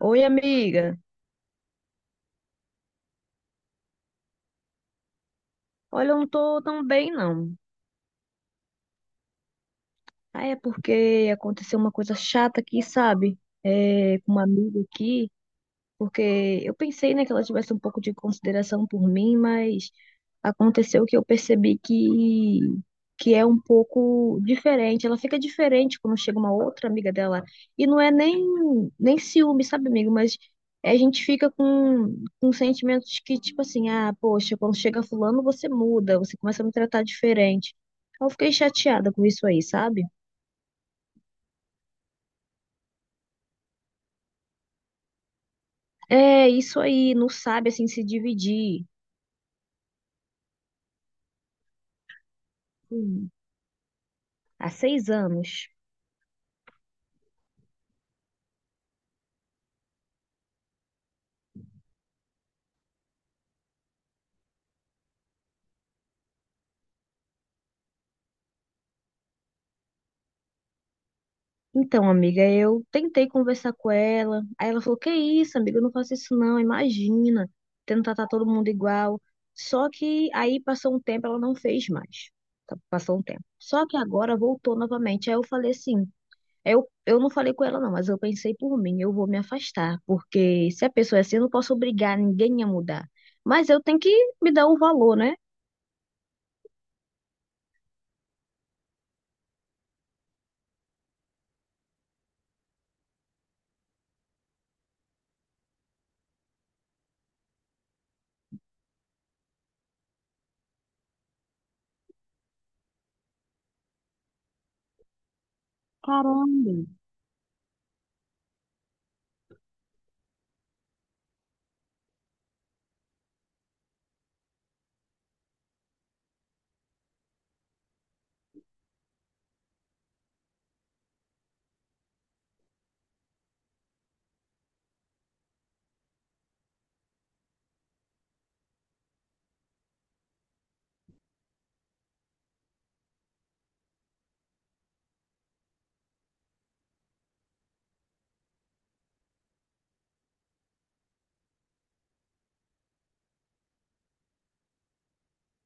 Oi, amiga. Olha, eu não tô tão bem, não. Ah, é porque aconteceu uma coisa chata aqui, sabe? É, com uma amiga aqui. Porque eu pensei, né, que ela tivesse um pouco de consideração por mim, mas aconteceu que eu percebi que é um pouco diferente. Ela fica diferente quando chega uma outra amiga dela e não é nem ciúme, sabe, amigo, mas a gente fica com sentimentos que, tipo assim, ah, poxa, quando chega fulano, você muda, você começa a me tratar diferente. Eu fiquei chateada com isso aí, sabe? É, isso aí, não sabe, assim, se dividir. Hum, há 6 anos. Então, amiga, eu tentei conversar com ela. Aí ela falou: que isso, amiga, eu não faço isso não, imagina. Tentar tratar todo mundo igual. Só que aí passou um tempo, ela não fez mais. Tá, passou um tempo. Só que agora voltou novamente. Aí eu falei assim: eu não falei com ela não, mas eu pensei por mim, eu vou me afastar. Porque se a pessoa é assim, eu não posso obrigar ninguém a mudar. Mas eu tenho que me dar o valor, né? Caramba.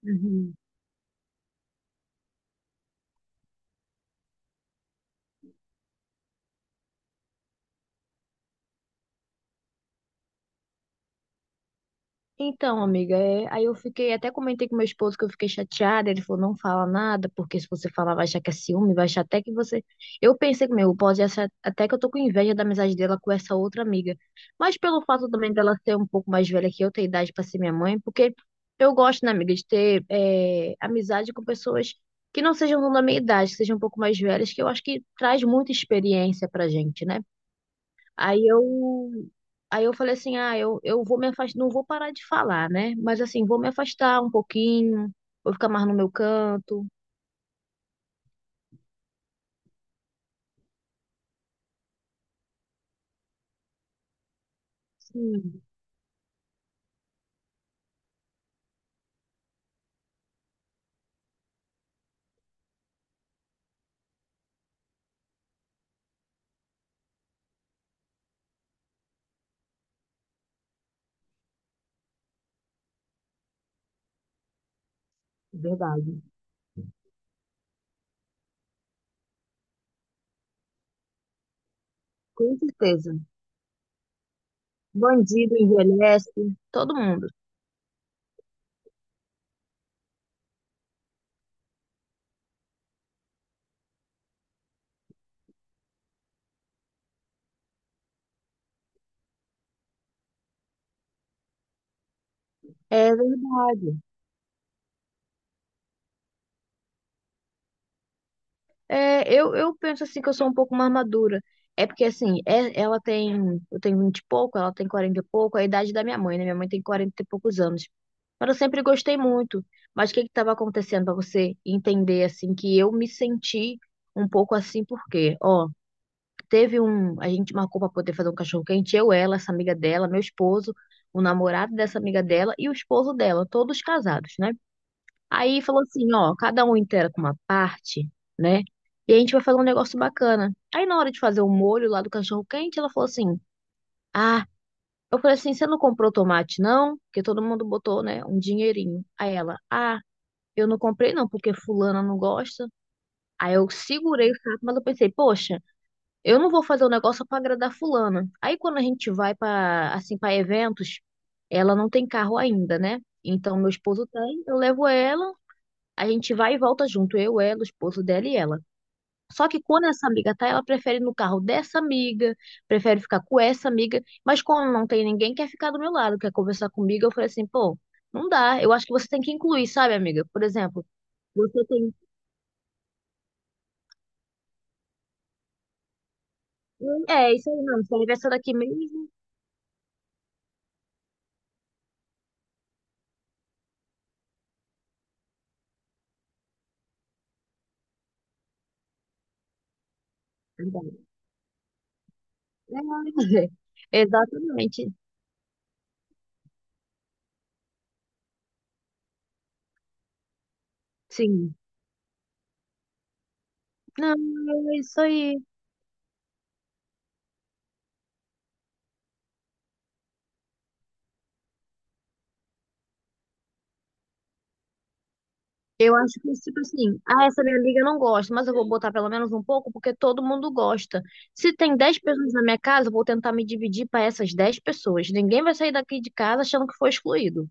Uhum. Então, amiga, é, aí eu fiquei, até comentei com meu esposo que eu fiquei chateada, ele falou, não fala nada, porque se você falar vai achar que é ciúme, vai achar até que você... Eu pensei comigo, pode achar até que eu tô com inveja da amizade dela com essa outra amiga, mas pelo fato também dela ser um pouco mais velha que eu, ter idade pra ser minha mãe, porque eu gosto, né, amiga, de ter é, amizade com pessoas que não sejam da minha idade, que sejam um pouco mais velhas, que eu acho que traz muita experiência pra gente, né? Aí eu, aí eu falei assim, ah, eu vou me afastar, não vou parar de falar, né? Mas assim, vou me afastar um pouquinho, vou ficar mais no meu canto. Sim, verdade. Com certeza. Bandido envelhece, todo mundo. É verdade. É, eu penso assim que eu sou um pouco mais madura. É porque assim, ela tem, eu tenho 20 e pouco, ela tem 40 e pouco, é a idade da minha mãe, né? Minha mãe tem 40 e poucos anos. Mas eu sempre gostei muito. Mas o que que estava acontecendo para você entender assim que eu me senti um pouco assim porque, ó, teve um, a gente marcou para poder fazer um cachorro quente, eu, ela, essa amiga dela, meu esposo, o namorado dessa amiga dela e o esposo dela, todos casados, né? Aí falou assim, ó, cada um inteira com uma parte, né? E a gente vai fazer um negócio bacana. Aí na hora de fazer o molho lá do cachorro quente, ela falou assim: "Ah, eu falei assim, você não comprou tomate não? Porque todo mundo botou, né, um dinheirinho". Aí ela: "Ah, eu não comprei não, porque fulana não gosta". Aí eu segurei o saco, mas eu pensei: "Poxa, eu não vou fazer o negócio pra agradar fulana". Aí quando a gente vai pra assim para eventos, ela não tem carro ainda, né? Então meu esposo tem, eu levo ela, a gente vai e volta junto, eu, ela, o esposo dela e ela. Só que quando essa amiga tá, ela prefere ir no carro dessa amiga, prefere ficar com essa amiga, mas quando não tem ninguém, quer ficar do meu lado, quer conversar comigo, eu falei assim, pô, não dá, eu acho que você tem que incluir, sabe, amiga? Por exemplo, você tem. Um, é, isso aí não, você vai ver essa daqui mesmo. É, exatamente, sim. Não, é isso aí. Eu acho que, tipo assim, ah, essa minha amiga não gosta, mas eu vou botar pelo menos um pouco porque todo mundo gosta. Se tem 10 pessoas na minha casa, eu vou tentar me dividir para essas 10 pessoas. Ninguém vai sair daqui de casa achando que foi excluído.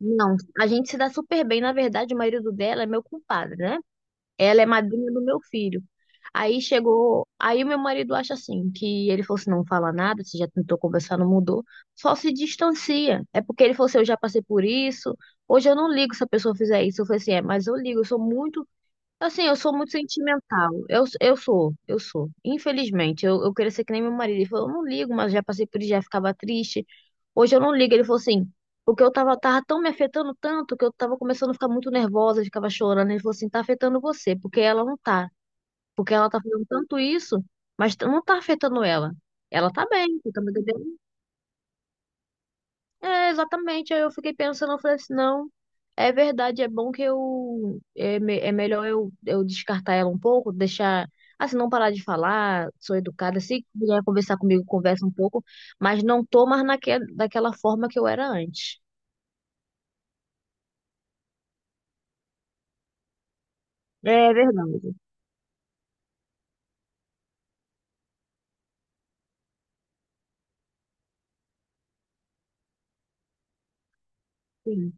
Não, a gente se dá super bem. Na verdade, o marido dela é meu compadre, né? Ela é madrinha do meu filho. Aí chegou, aí o meu marido acha assim, que ele falou assim, não fala nada, você já tentou conversar, não mudou, só se distancia. É porque ele falou assim, eu já passei por isso, hoje eu não ligo se a pessoa fizer isso. Eu falei assim, é, mas eu ligo, eu sou muito. Assim, eu sou muito sentimental. Eu sou, eu sou. Infelizmente, eu queria ser que nem meu marido. Ele falou, eu não ligo, mas já passei por isso, já ficava triste. Hoje eu não ligo. Ele falou assim, porque eu tava tão me afetando tanto que eu tava começando a ficar muito nervosa, ficava chorando. Ele falou assim, tá afetando você, porque ela não tá. Porque ela tá fazendo tanto isso, mas não tá afetando ela. Ela tá bem, tá bem. É, exatamente. Aí eu fiquei pensando, eu falei assim, não, é verdade, é bom que eu é, é melhor eu descartar ela um pouco, deixar assim, não parar de falar, sou educada, se quiser conversar comigo, conversa um pouco, mas não tô mais daquela forma que eu era antes. É verdade, sim.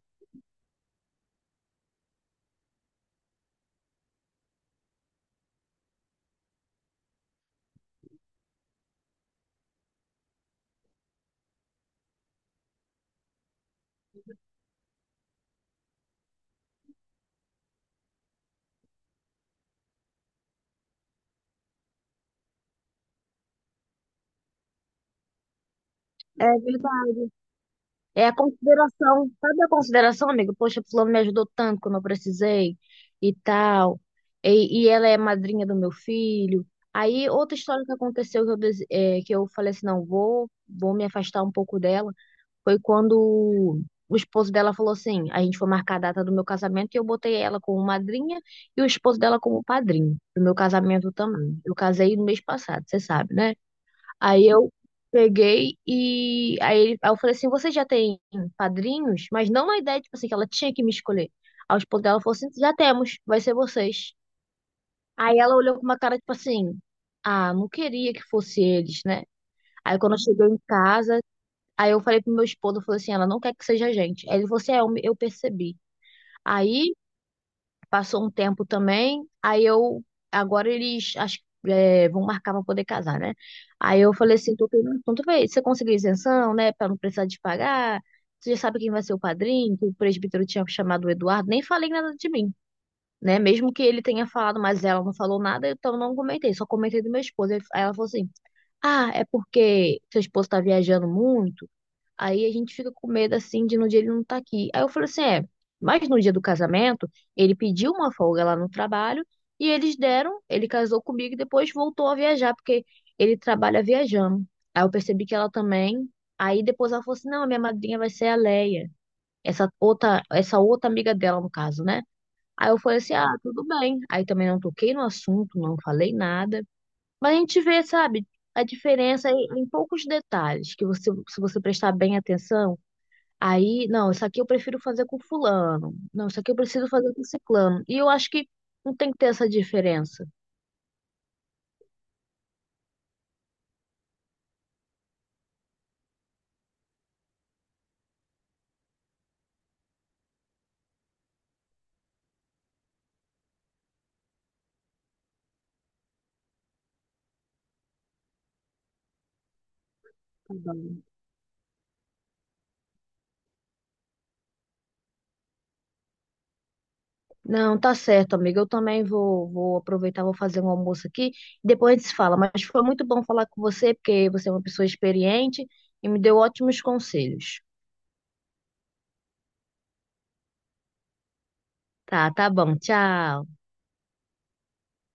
É verdade. É a consideração, sabe a consideração, amigo? Poxa, fulano me ajudou tanto quando eu precisei e tal. E ela é madrinha do meu filho. Aí, outra história que aconteceu que eu, é, que eu falei assim, não, vou me afastar um pouco dela, foi quando o esposo dela falou assim, a gente foi marcar a data do meu casamento e eu botei ela como madrinha e o esposo dela como padrinho do meu casamento também. Eu casei no mês passado, você sabe, né? Aí eu peguei e aí, aí eu falei assim, você já tem padrinhos? Mas não na ideia, tipo assim, que ela tinha que me escolher. Aos poucos ela falou assim, já temos, vai ser vocês. Aí ela olhou com uma cara, tipo assim, ah, não queria que fosse eles, né? Aí quando chegou em casa, aí eu falei pro meu esposo, eu falei assim, ela não quer que seja a gente. Aí ele falou assim, é, eu, eu percebi. Aí passou um tempo também, aí eu, agora eles, acho que é, vão marcar pra poder casar, né? Aí eu falei assim, tô perguntando, se você conseguiu isenção, né, pra não precisar de pagar, você já sabe quem vai ser o padrinho, que o presbítero tinha chamado o Eduardo, nem falei nada de mim, né? Mesmo que ele tenha falado, mas ela não falou nada, então eu não comentei, só comentei do meu esposo. Aí ela falou assim, ah, é porque seu esposo tá viajando muito, aí a gente fica com medo assim de no dia ele não tá aqui. Aí eu falei assim, é, mas no dia do casamento, ele pediu uma folga lá no trabalho e eles deram, ele casou comigo e depois voltou a viajar, porque ele trabalha viajando. Aí eu percebi que ela também. Aí depois ela falou assim, não, a minha madrinha vai ser a Leia, essa outra amiga dela, no caso, né? Aí eu falei assim, ah, tudo bem. Aí também não toquei no assunto, não falei nada. Mas a gente vê, sabe, a diferença em poucos detalhes, que você, se você prestar bem atenção, aí, não, isso aqui eu prefiro fazer com fulano. Não, isso aqui eu preciso fazer com ciclano. E eu acho que não tem que ter essa diferença. Tá bom. Não, tá certo, amiga. Eu também vou aproveitar, vou fazer um almoço aqui. Depois a gente se fala. Mas foi muito bom falar com você, porque você é uma pessoa experiente e me deu ótimos conselhos. Tá, tá bom. Tchau.